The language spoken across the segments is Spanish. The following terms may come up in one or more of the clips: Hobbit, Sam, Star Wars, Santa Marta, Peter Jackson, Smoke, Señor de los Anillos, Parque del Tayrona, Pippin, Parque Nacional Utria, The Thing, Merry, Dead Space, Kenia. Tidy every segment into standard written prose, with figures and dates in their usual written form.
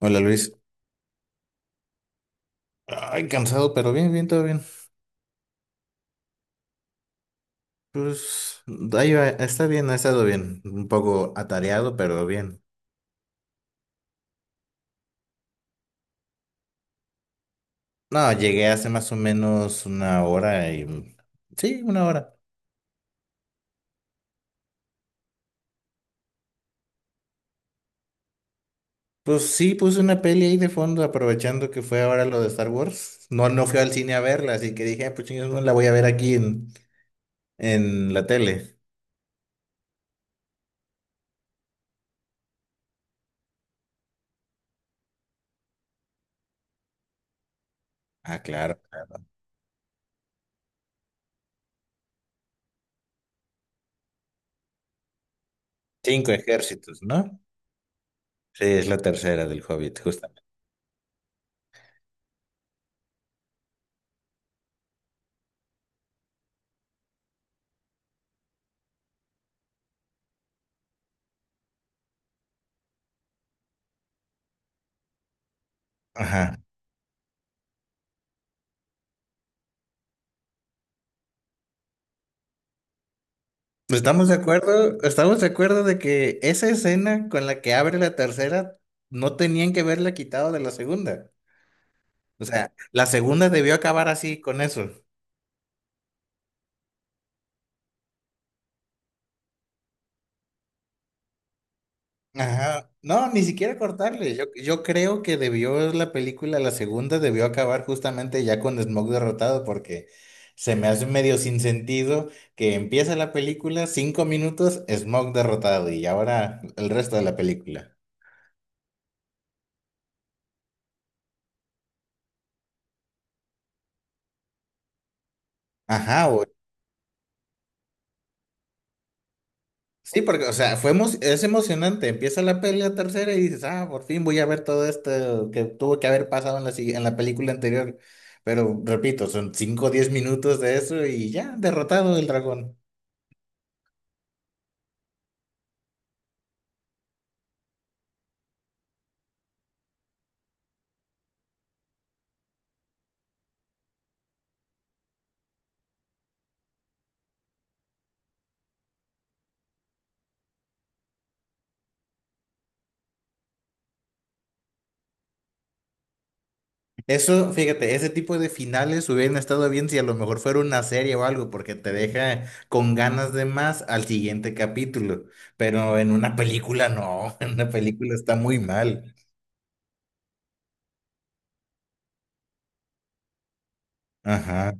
Hola, Luis. Ay, cansado, pero bien, todo bien. Pues Ahí va, está bien, ha estado bien. Un poco atareado, pero bien. No, llegué hace más o menos una hora Sí, una hora. Pues sí, puse una peli ahí de fondo, aprovechando que fue ahora lo de Star Wars. No, no fui al cine a verla, así que dije, "Ah, pues chingados, no la voy a ver aquí en la tele". Ah, claro, claro. Cinco ejércitos, ¿no? Sí, es la tercera del Hobbit, justamente. Ajá. Pues estamos de acuerdo, estamos de acuerdo de que esa escena con la que abre la tercera no tenían que verla quitado de la segunda. O sea, la segunda debió acabar así con eso. Ajá. No, ni siquiera cortarle. Yo creo que debió la película, la segunda debió acabar justamente ya con Smoke derrotado, porque se me hace medio sin sentido que empieza la película, cinco minutos, Smoke derrotado y ahora el resto de la película. Ajá, o sí, porque, o sea, es emocionante. Empieza la pelea tercera y dices, ah, por fin voy a ver todo esto que tuvo que haber pasado en en la película anterior. Pero repito, son 5, o 10 minutos de eso y ya, derrotado el dragón. Eso, fíjate, ese tipo de finales hubieran estado bien si a lo mejor fuera una serie o algo, porque te deja con ganas de más al siguiente capítulo. Pero en una película no, en una película está muy mal. Ajá,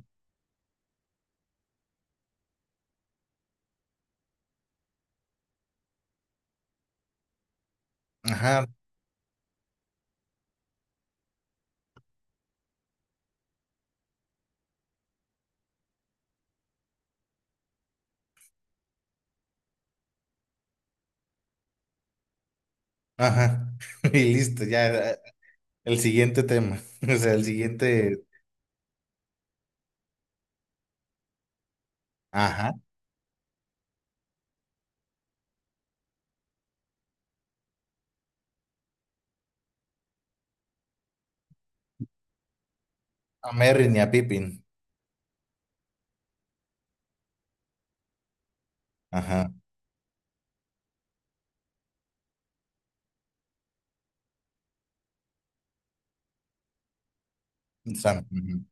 ajá, ajá. Y listo, ya. El siguiente tema, o sea, el siguiente, ajá, a Merry ni a Pippin, ajá, Sam, ujú.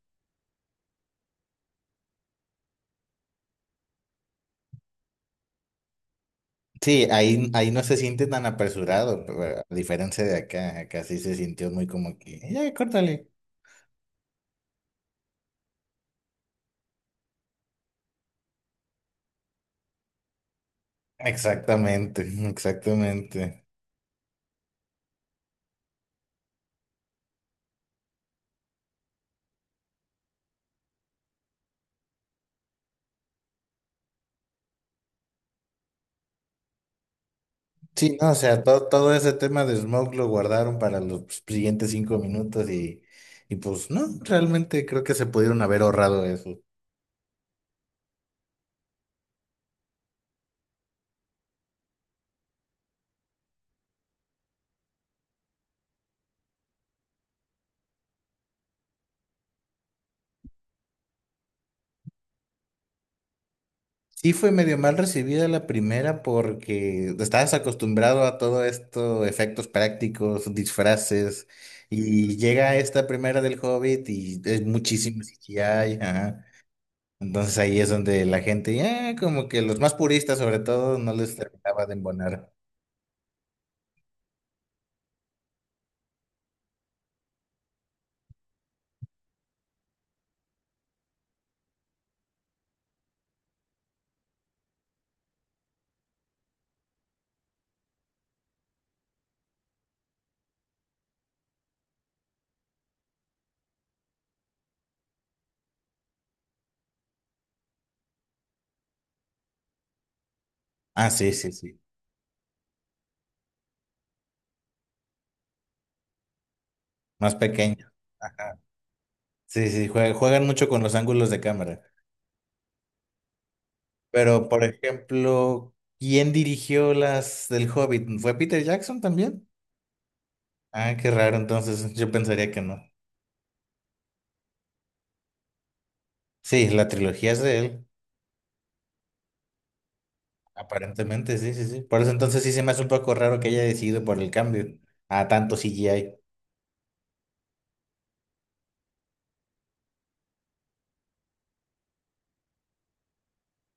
Sí, ahí, ahí no se siente tan apresurado, pero a diferencia de acá, acá sí se sintió muy como que, ya, córtale. Exactamente, exactamente. Sí, no, o sea, todo, todo ese tema de Smoke lo guardaron para los siguientes cinco minutos y pues no, realmente creo que se pudieron haber ahorrado eso. Sí, fue medio mal recibida la primera porque estabas acostumbrado a todo esto, efectos prácticos, disfraces, y llega esta primera del Hobbit y es muchísimo CGI, ajá. Entonces ahí es donde la gente, ya como que los más puristas sobre todo no les terminaba de embonar. Ah, sí, sí, sí, más pequeño. Ajá. Sí, sí, juegan mucho con los ángulos de cámara. Pero, por ejemplo, ¿quién dirigió las del Hobbit? ¿Fue Peter Jackson también? Ah, qué raro, entonces yo pensaría que no. Sí, la trilogía es de él, aparentemente, sí, sí, sí. Por eso entonces sí se me hace un poco raro que haya decidido por el cambio a tanto CGI.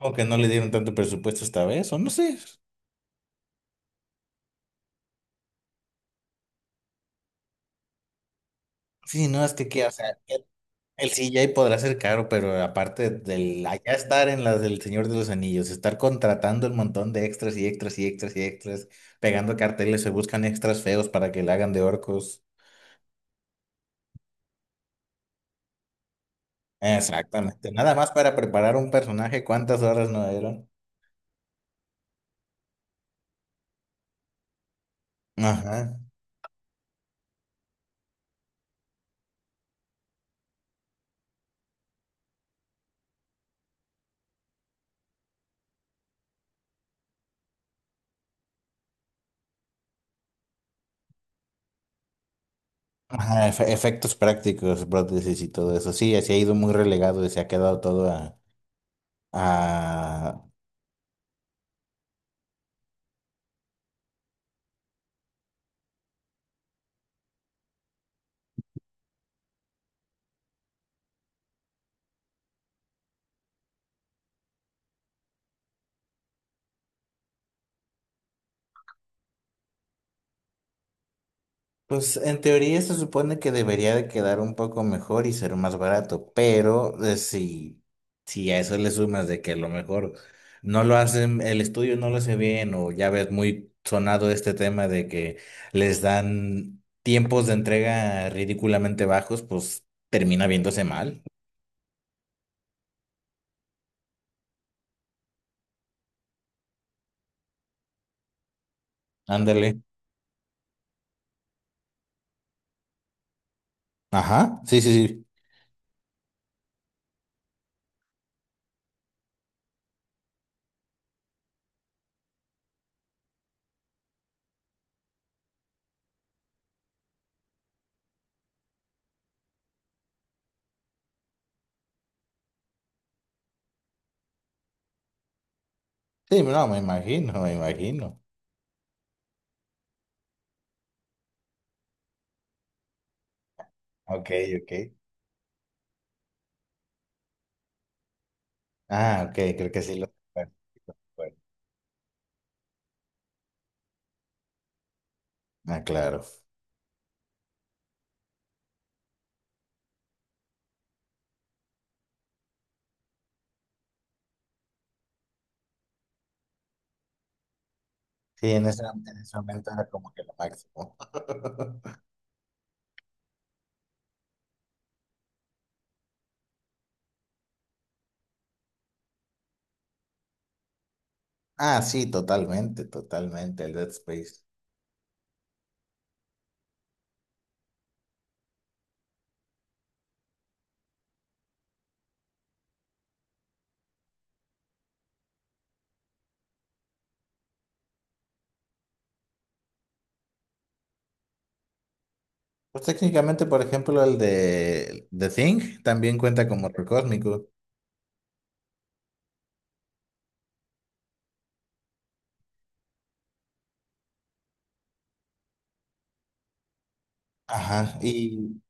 O que no le dieron tanto presupuesto esta vez, o no sé. Sí, no, es que, o sea, el CGI podrá ser caro, pero aparte del allá estar en las del Señor de los Anillos, estar contratando el montón de extras y extras y extras y extras, pegando carteles, se buscan extras feos para que le hagan de orcos. Exactamente. Nada más para preparar un personaje, ¿cuántas horas no dieron? Ajá. Ajá, efectos prácticos, prótesis y todo eso. Sí, se ha ido muy relegado y se ha quedado todo a... Pues en teoría se supone que debería de quedar un poco mejor y ser más barato, pero si, si a eso le sumas de que a lo mejor no lo hacen, el estudio no lo hace bien, o ya ves muy sonado este tema de que les dan tiempos de entrega ridículamente bajos, pues termina viéndose mal. Ándale. Ajá, sí, sí, sí. Sí, no, me imagino, me imagino. Ok, ok. Ah, ok, creo que sí lo... Bueno, ah, claro. Sí, en ese momento era como que lo máximo. Ah, sí, totalmente, totalmente, el Dead Space. Pues técnicamente, por ejemplo, el de The Thing también cuenta como horror cósmico. Ajá, y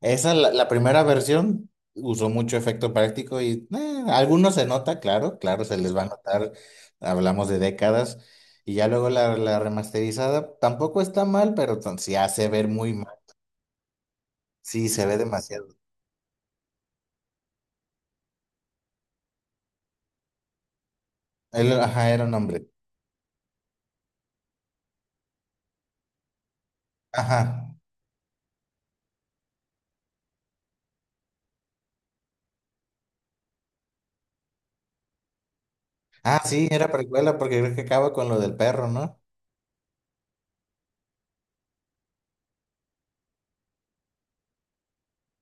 esa, la primera versión, usó mucho efecto práctico y algunos se nota, claro, claro, se les va a notar, hablamos de décadas, y ya luego la, la remasterizada tampoco está mal, pero se hace ver muy mal, sí, se ve demasiado. Él, ajá, era un hombre, ajá. Ah, sí, era precuela porque creo que acaba con lo del perro, ¿no?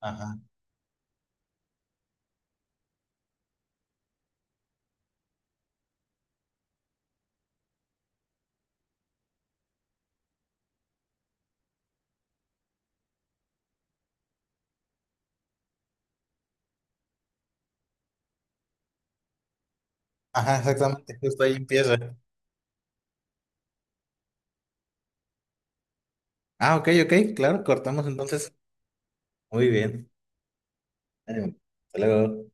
Ajá. Ajá, exactamente, justo ahí empieza. Ah, ok, ok, claro, cortamos entonces. Muy bien. Ánimo. Hasta luego.